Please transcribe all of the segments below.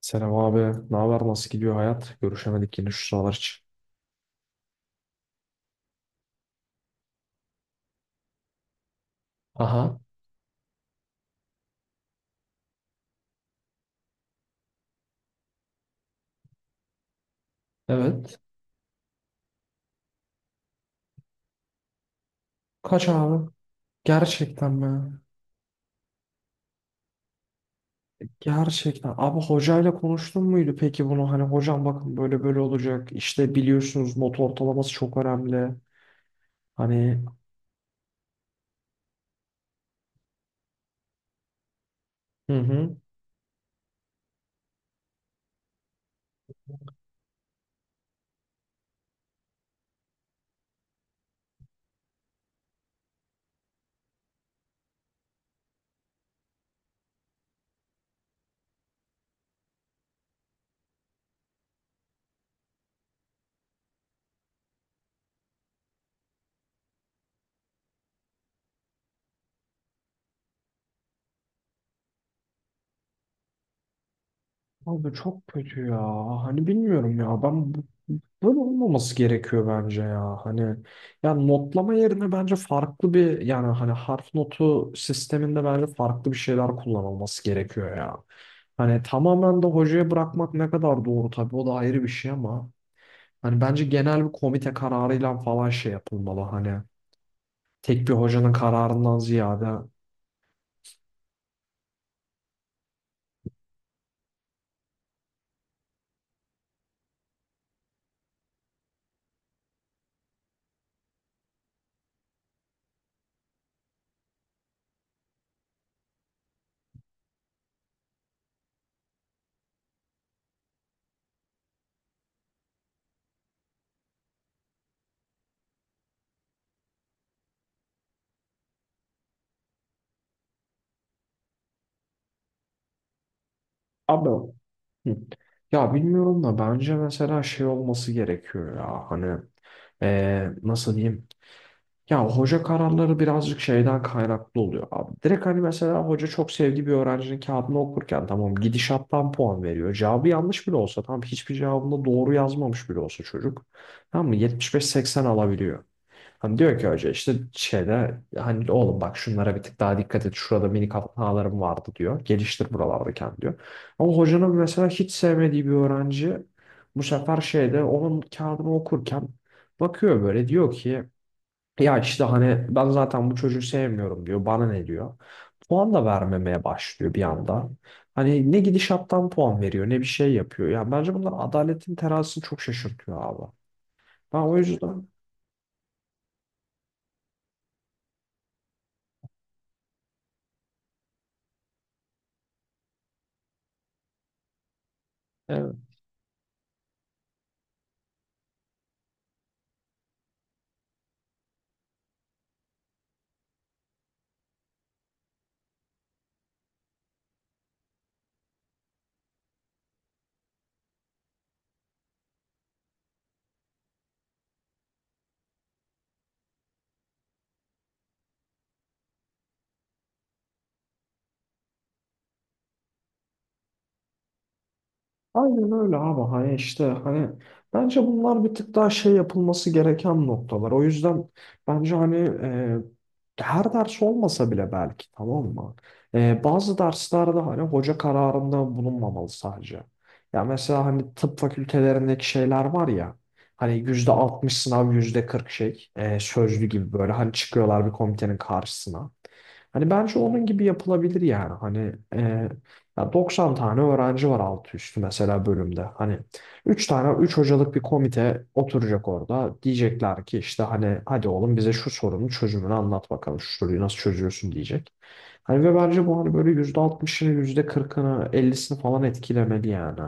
Selam abi. Ne haber? Nasıl gidiyor hayat? Görüşemedik yine şu sıralar için. Aha, evet. Kaç abi? Gerçekten mi? Gerçekten. Abi hocayla konuştun muydu peki bunu? Hani hocam bakın böyle böyle olacak. İşte biliyorsunuz not ortalaması çok önemli. Hani. Hı hı. Abi çok kötü ya. Hani bilmiyorum ya. Ben bu Böyle olmaması gerekiyor bence ya. Hani yani notlama yerine bence farklı bir yani hani harf notu sisteminde bence farklı bir şeyler kullanılması gerekiyor ya. Hani tamamen de hocaya bırakmak ne kadar doğru tabii o da ayrı bir şey ama hani bence genel bir komite kararıyla falan şey yapılmalı hani tek bir hocanın kararından ziyade abi. Hı. Ya bilmiyorum da bence mesela şey olması gerekiyor ya hani Nasıl diyeyim. Ya hoca kararları birazcık şeyden kaynaklı oluyor abi. Direkt hani mesela hoca çok sevdiği bir öğrencinin kağıdını okurken tamam gidişattan puan veriyor. Cevabı yanlış bile olsa tamam hiçbir cevabında doğru yazmamış bile olsa çocuk. Tamam mı? 75-80 alabiliyor. Hani diyor ki hoca işte şeyde hani oğlum bak şunlara bir tık daha dikkat et. Şurada minik hatalarım vardı diyor. Geliştir buralarda kendini diyor. Ama hocanın mesela hiç sevmediği bir öğrenci bu sefer şeyde onun kağıdını okurken bakıyor böyle diyor ki ya işte hani ben zaten bu çocuğu sevmiyorum diyor. Bana ne diyor. Puan da vermemeye başlıyor bir anda. Hani ne gidişattan puan veriyor ne bir şey yapıyor. Yani bence bunlar adaletin terazisini çok şaşırtıyor abi. Ben o yüzden evet. Aynen öyle abi hani işte hani bence bunlar bir tık daha şey yapılması gereken noktalar. O yüzden bence hani her ders olmasa bile belki tamam mı? Bazı derslerde hani hoca kararında bulunmamalı sadece. Ya mesela hani tıp fakültelerindeki şeyler var ya hani %60 sınav %40 şey sözlü gibi böyle hani çıkıyorlar bir komitenin karşısına. Hani bence onun gibi yapılabilir yani hani ya 90 tane öğrenci var altı üstü mesela bölümde. Hani 3 tane 3 hocalık bir komite oturacak orada. Diyecekler ki işte hani hadi oğlum bize şu sorunun çözümünü anlat bakalım. Şu soruyu nasıl çözüyorsun diyecek. Hani ve bence bu hani böyle %60'ını, %40'ını, 50'sini falan etkilemeli yani.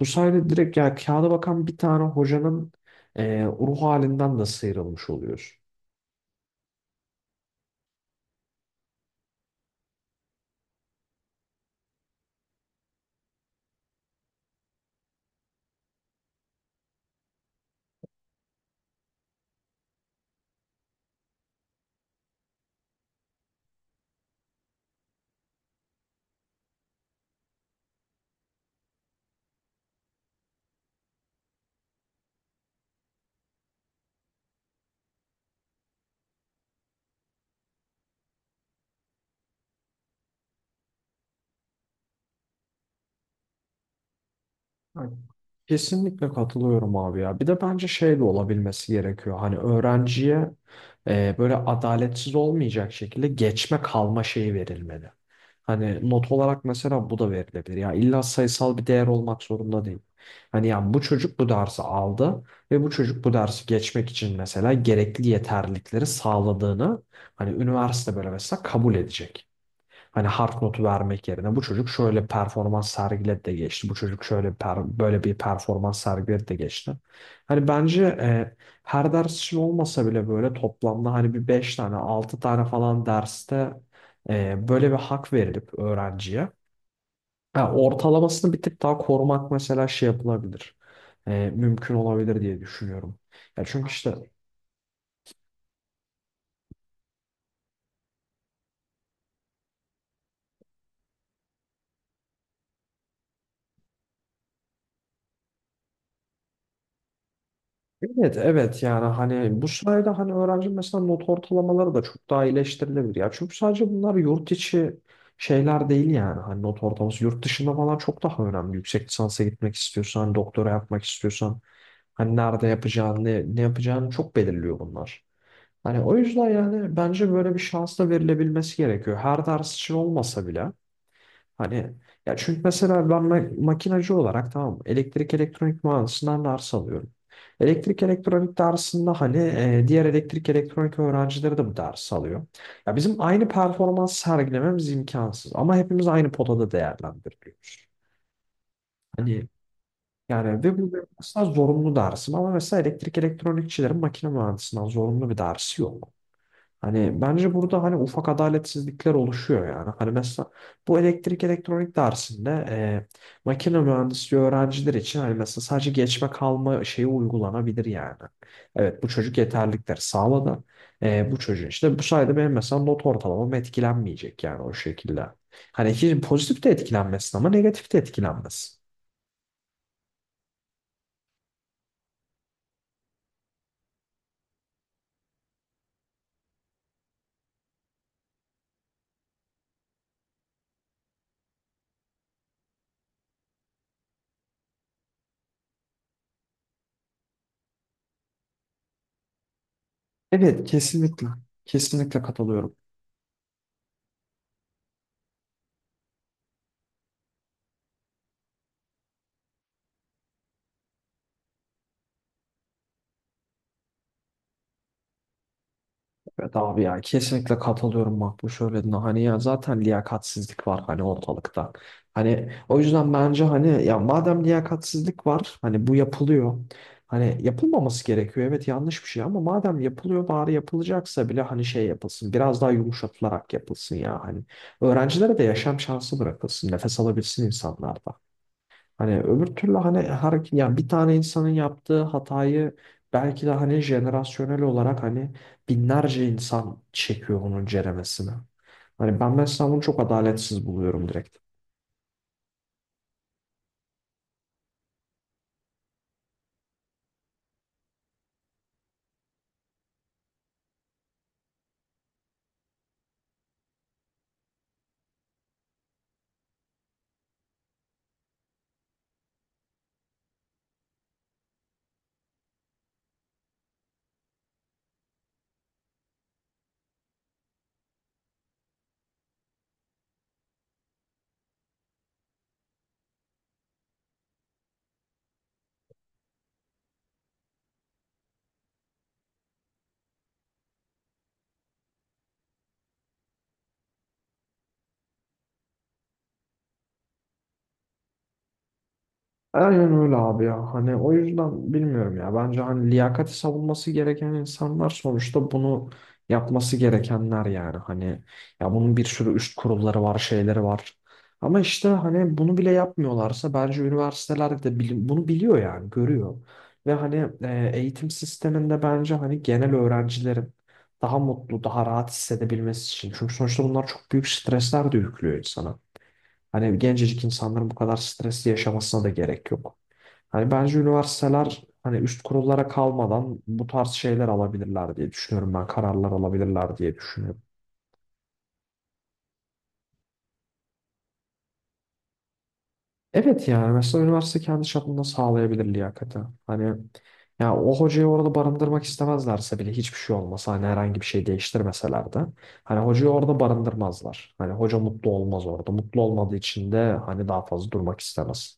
Bu sayede direkt ya kağıda bakan bir tane hocanın ruh halinden de sıyrılmış oluyoruz. Ha, kesinlikle katılıyorum abi ya. Bir de bence şey de olabilmesi gerekiyor. Hani öğrenciye böyle adaletsiz olmayacak şekilde geçme kalma şeyi verilmeli. Hani not olarak mesela bu da verilebilir. Ya illa sayısal bir değer olmak zorunda değil. Hani yani bu çocuk bu dersi aldı ve bu çocuk bu dersi geçmek için mesela gerekli yeterlilikleri sağladığını hani üniversite böyle mesela kabul edecek. Hani hard notu vermek yerine bu çocuk şöyle performans sergiledi de geçti. Bu çocuk şöyle böyle bir performans sergiledi de geçti. Hani bence her ders için olmasa bile böyle toplamda hani bir 5 tane 6 tane falan derste böyle bir hak verilip öğrenciye. Ha, ortalamasını bir tık daha korumak mesela şey yapılabilir. Mümkün olabilir diye düşünüyorum. Ya çünkü işte. Evet evet yani hani bu sayede hani öğrenci mesela not ortalamaları da çok daha iyileştirilebilir ya. Çünkü sadece bunlar yurt içi şeyler değil yani hani not ortalaması yurt dışında falan çok daha önemli. Yüksek lisansa gitmek istiyorsan, doktora yapmak istiyorsan hani nerede yapacağını, ne yapacağını çok belirliyor bunlar. Hani o yüzden yani bence böyle bir şans da verilebilmesi gerekiyor. Her ders için olmasa bile. Hani ya çünkü mesela ben makinacı olarak tamam mı, elektrik elektronik mühendisinden ders alıyorum. Elektrik elektronik dersinde hani diğer elektrik elektronik öğrencileri de bu ders alıyor. Ya bizim aynı performans sergilememiz imkansız ama hepimiz aynı potada değerlendiriliyoruz. Hani yani ve bu benim aslında zorunlu dersim ama mesela elektrik elektronikçilerin makine mühendisinden zorunlu bir dersi yok. Hani bence burada hani ufak adaletsizlikler oluşuyor yani. Hani mesela bu elektrik elektronik dersinde makine mühendisliği öğrenciler için hani mesela sadece geçme kalma şeyi uygulanabilir yani. Evet bu çocuk yeterlilikleri sağladı. Bu çocuğun işte bu sayede benim mesela not ortalamam etkilenmeyecek yani o şekilde. Hani hiç pozitif de etkilenmesin ama negatif de etkilenmesin. Evet kesinlikle. Kesinlikle katılıyorum. Evet abi ya kesinlikle katılıyorum bak bu söylediğine hani ya zaten liyakatsizlik var hani ortalıkta. Hani o yüzden bence hani ya madem liyakatsizlik var hani bu yapılıyor. Hani yapılmaması gerekiyor evet yanlış bir şey ama madem yapılıyor bari yapılacaksa bile hani şey yapılsın biraz daha yumuşatılarak yapılsın ya hani. Öğrencilere de yaşam şansı bırakılsın nefes alabilsin insanlar da. Hani öbür türlü hani hareket yani bir tane insanın yaptığı hatayı belki de hani jenerasyonel olarak hani binlerce insan çekiyor onun ceremesine. Hani ben mesela bunu çok adaletsiz buluyorum direkt. Aynen öyle abi ya. Hani o yüzden bilmiyorum ya. Bence hani liyakati savunması gereken insanlar sonuçta bunu yapması gerekenler yani. Hani ya bunun bir sürü üst kurulları var, şeyleri var. Ama işte hani bunu bile yapmıyorlarsa bence üniversiteler de bunu biliyor yani, görüyor. Ve hani eğitim sisteminde bence hani genel öğrencilerin daha mutlu, daha rahat hissedebilmesi için. Çünkü sonuçta bunlar çok büyük stresler de yüklüyor insana. Hani gencecik insanların bu kadar stresi yaşamasına da gerek yok. Hani bence üniversiteler hani üst kurullara kalmadan bu tarz şeyler alabilirler diye düşünüyorum ben. Kararlar alabilirler diye düşünüyorum. Evet yani mesela üniversite kendi çapında sağlayabilir liyakati. Hani ya o hocayı orada barındırmak istemezlerse bile hiçbir şey olmasa hani herhangi bir şey değiştirmeseler de hani hocayı orada barındırmazlar. Hani hoca mutlu olmaz orada. Mutlu olmadığı için de hani daha fazla durmak istemez.